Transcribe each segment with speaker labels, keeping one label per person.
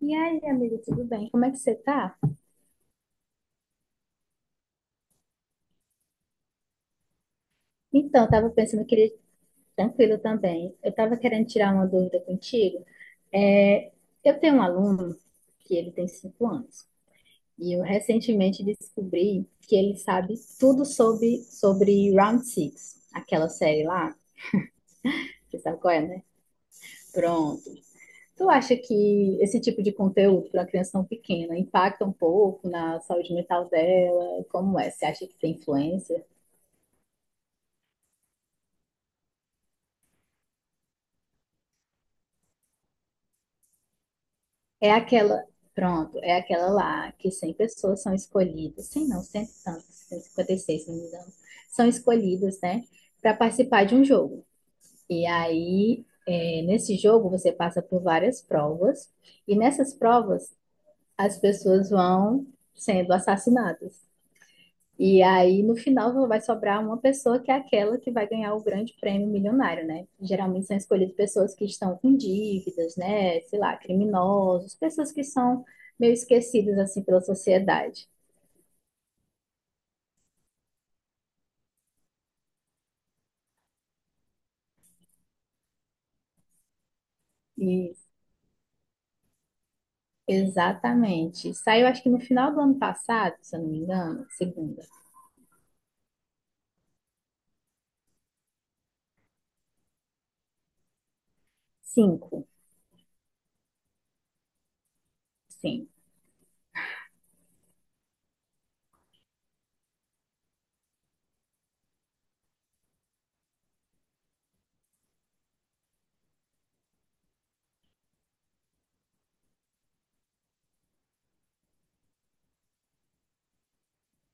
Speaker 1: E aí, amigo, tudo bem? Como é que você tá? Então, eu tava pensando que ele tranquilo também. Eu tava querendo tirar uma dúvida contigo. É, eu tenho um aluno que ele tem 5 anos e eu recentemente descobri que ele sabe tudo sobre Round Six, aquela série lá. Você sabe qual é, né? Pronto. Tu acha que esse tipo de conteúdo para uma criança tão pequena impacta um pouco na saúde mental dela? Como é? Você acha que tem influência? É aquela, pronto, é aquela lá que 100 pessoas são escolhidas, 100 não, cento e tantos, tanto, 156, se não me engano, são escolhidas, né, para participar de um jogo. E aí, é, nesse jogo, você passa por várias provas, e nessas provas, as pessoas vão sendo assassinadas. E aí, no final, vai sobrar uma pessoa que é aquela que vai ganhar o grande prêmio milionário, né? Geralmente são escolhidas pessoas que estão com dívidas, né? Sei lá, criminosos, pessoas que são meio esquecidas, assim, pela sociedade. E, exatamente. Saiu, acho que no final do ano passado, se eu não me engano, segunda. Cinco, sim,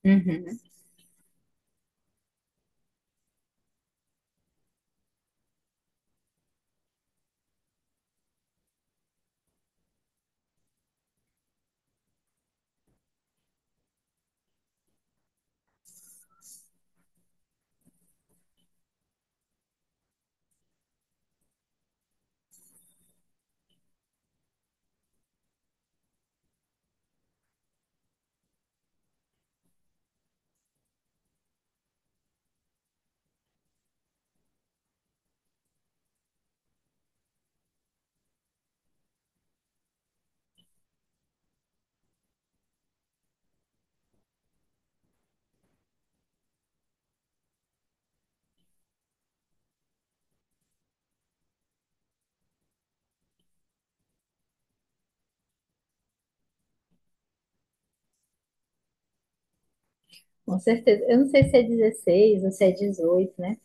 Speaker 1: Uhum. Com certeza. Eu não sei se é 16 ou se é 18, né?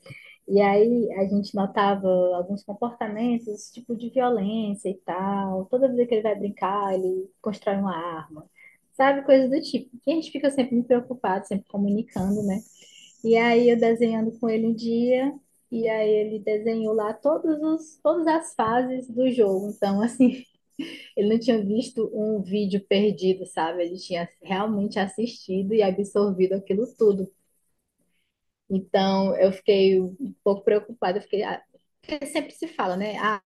Speaker 1: E aí a gente notava alguns comportamentos, tipo de violência e tal. Toda vez que ele vai brincar, ele constrói uma arma. Sabe, coisas do tipo. E a gente fica sempre muito preocupado, sempre comunicando, né? E aí eu desenhando com ele um dia, e aí ele desenhou lá todas as fases do jogo. Então, assim, ele não tinha visto um vídeo perdido, sabe? Ele tinha realmente assistido e absorvido aquilo tudo. Então, eu fiquei um pouco preocupada, eu fiquei, ah, porque sempre se fala, né? Ah,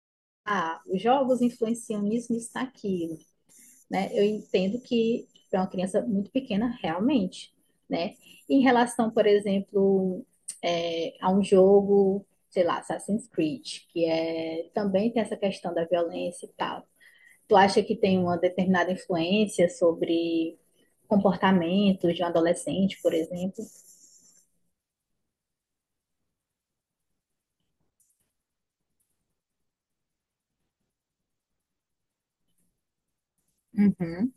Speaker 1: os jogos influenciam nisso, nisso, naquilo, né? Eu entendo que para uma criança muito pequena, realmente, né? Em relação, por exemplo, a um jogo, sei lá, Assassin's Creed, que também tem essa questão da violência e tal. Tu acha que tem uma determinada influência sobre comportamentos de um adolescente, por exemplo? Uhum,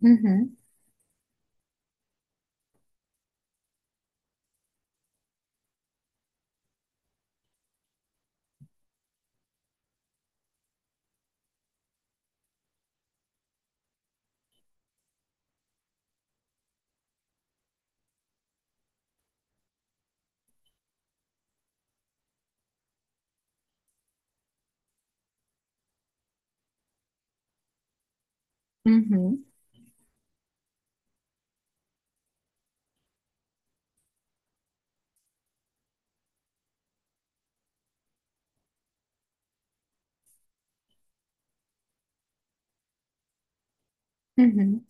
Speaker 1: uhum, uhum, uhum.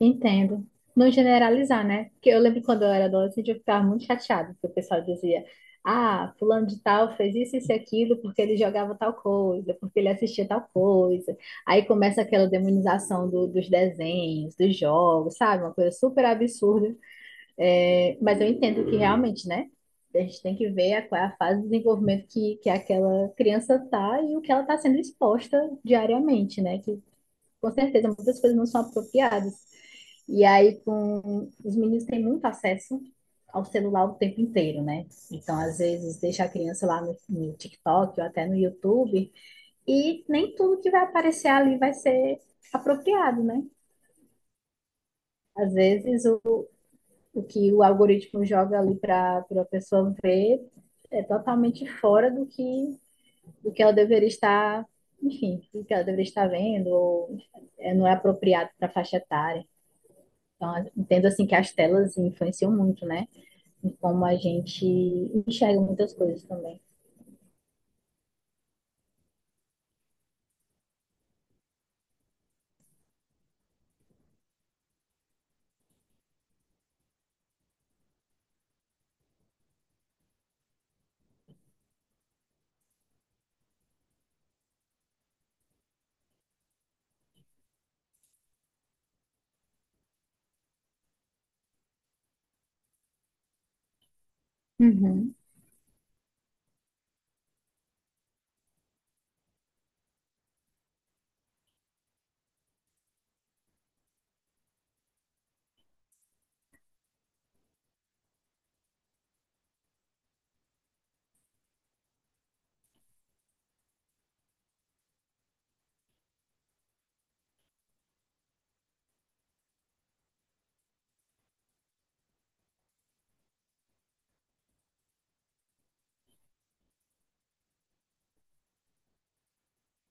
Speaker 1: Entendo. Não generalizar, né? Porque eu lembro quando eu era adolescente, eu ficava muito chateada, porque o pessoal dizia, ah, fulano de tal fez isso, isso e aquilo, porque ele jogava tal coisa, porque ele assistia tal coisa. Aí começa aquela demonização dos desenhos, dos jogos, sabe? Uma coisa super absurda. É, mas eu entendo que realmente, né? A gente tem que ver qual é a fase de desenvolvimento que aquela criança tá e o que ela está sendo exposta diariamente, né? Que com certeza muitas coisas não são apropriadas. E aí, com... os meninos têm muito acesso ao celular o tempo inteiro, né? Então, às vezes, deixa a criança lá no TikTok ou até no YouTube, e nem tudo que vai aparecer ali vai ser apropriado, né? Às vezes, o que o algoritmo joga ali para a pessoa ver é totalmente fora do que ela deveria estar, enfim, do que ela deveria estar vendo, ou não é apropriado para a faixa etária. Então, entendo assim que as telas influenciam muito, né? Em como a gente enxerga muitas coisas também. Uhum.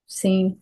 Speaker 1: Sim,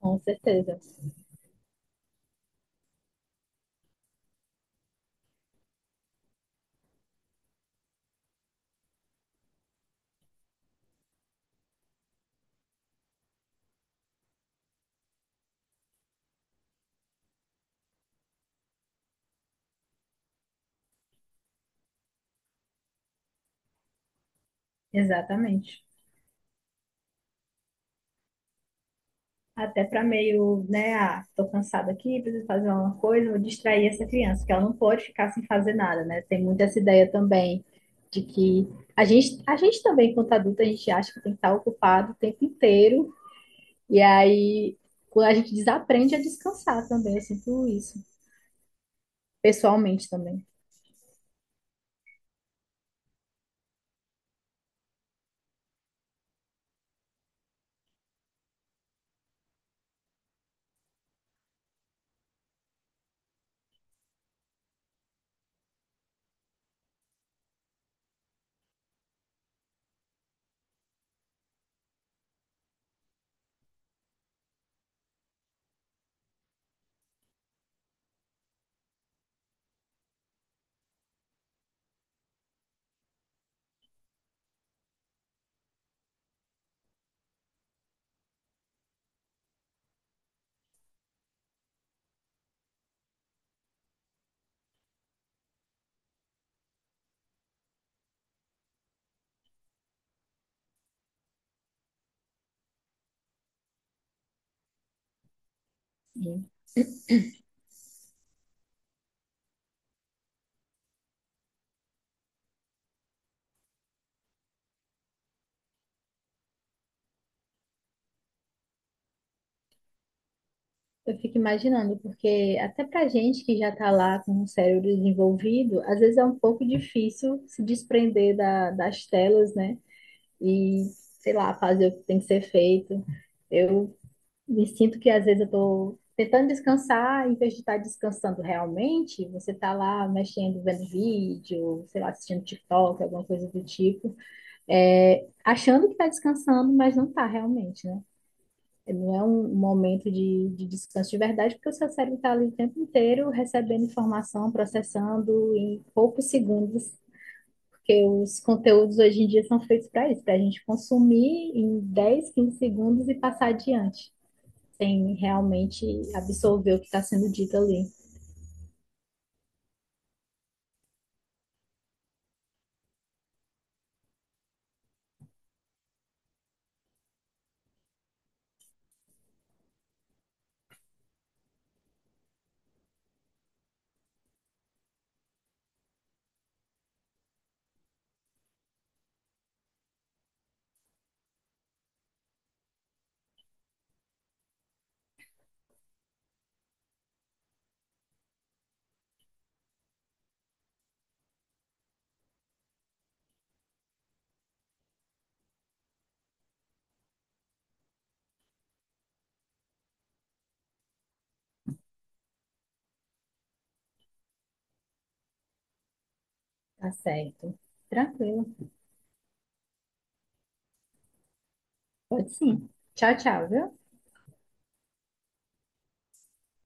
Speaker 1: com certeza. Exatamente. Até para meio, né? Ah, tô cansada aqui, preciso fazer alguma coisa, vou distrair essa criança, porque ela não pode ficar sem fazer nada, né? Tem muito essa ideia também de que a gente também, quanto adulto, a gente acha que tem que estar ocupado o tempo inteiro, e aí quando a gente desaprende a descansar também, eu sinto isso, pessoalmente também, em Eu fico imaginando, porque até pra gente que já tá lá com o cérebro desenvolvido, às vezes é um pouco difícil se desprender das telas, né? E, sei lá, fazer o que tem que ser feito. Eu me sinto que às vezes eu tô tentando descansar, em vez de estar descansando realmente, você tá lá mexendo, vendo vídeo, sei lá, assistindo TikTok, alguma coisa do tipo, achando que tá descansando, mas não tá realmente, né? Não é um momento de descanso de verdade, porque o seu cérebro está ali o tempo inteiro recebendo informação, processando em poucos segundos, porque os conteúdos hoje em dia são feitos para isso, para a gente consumir em 10, 15 segundos e passar adiante, sem realmente absorver o que está sendo dito ali. Tá certo. Tranquilo. Pode sim. Tchau, tchau, viu?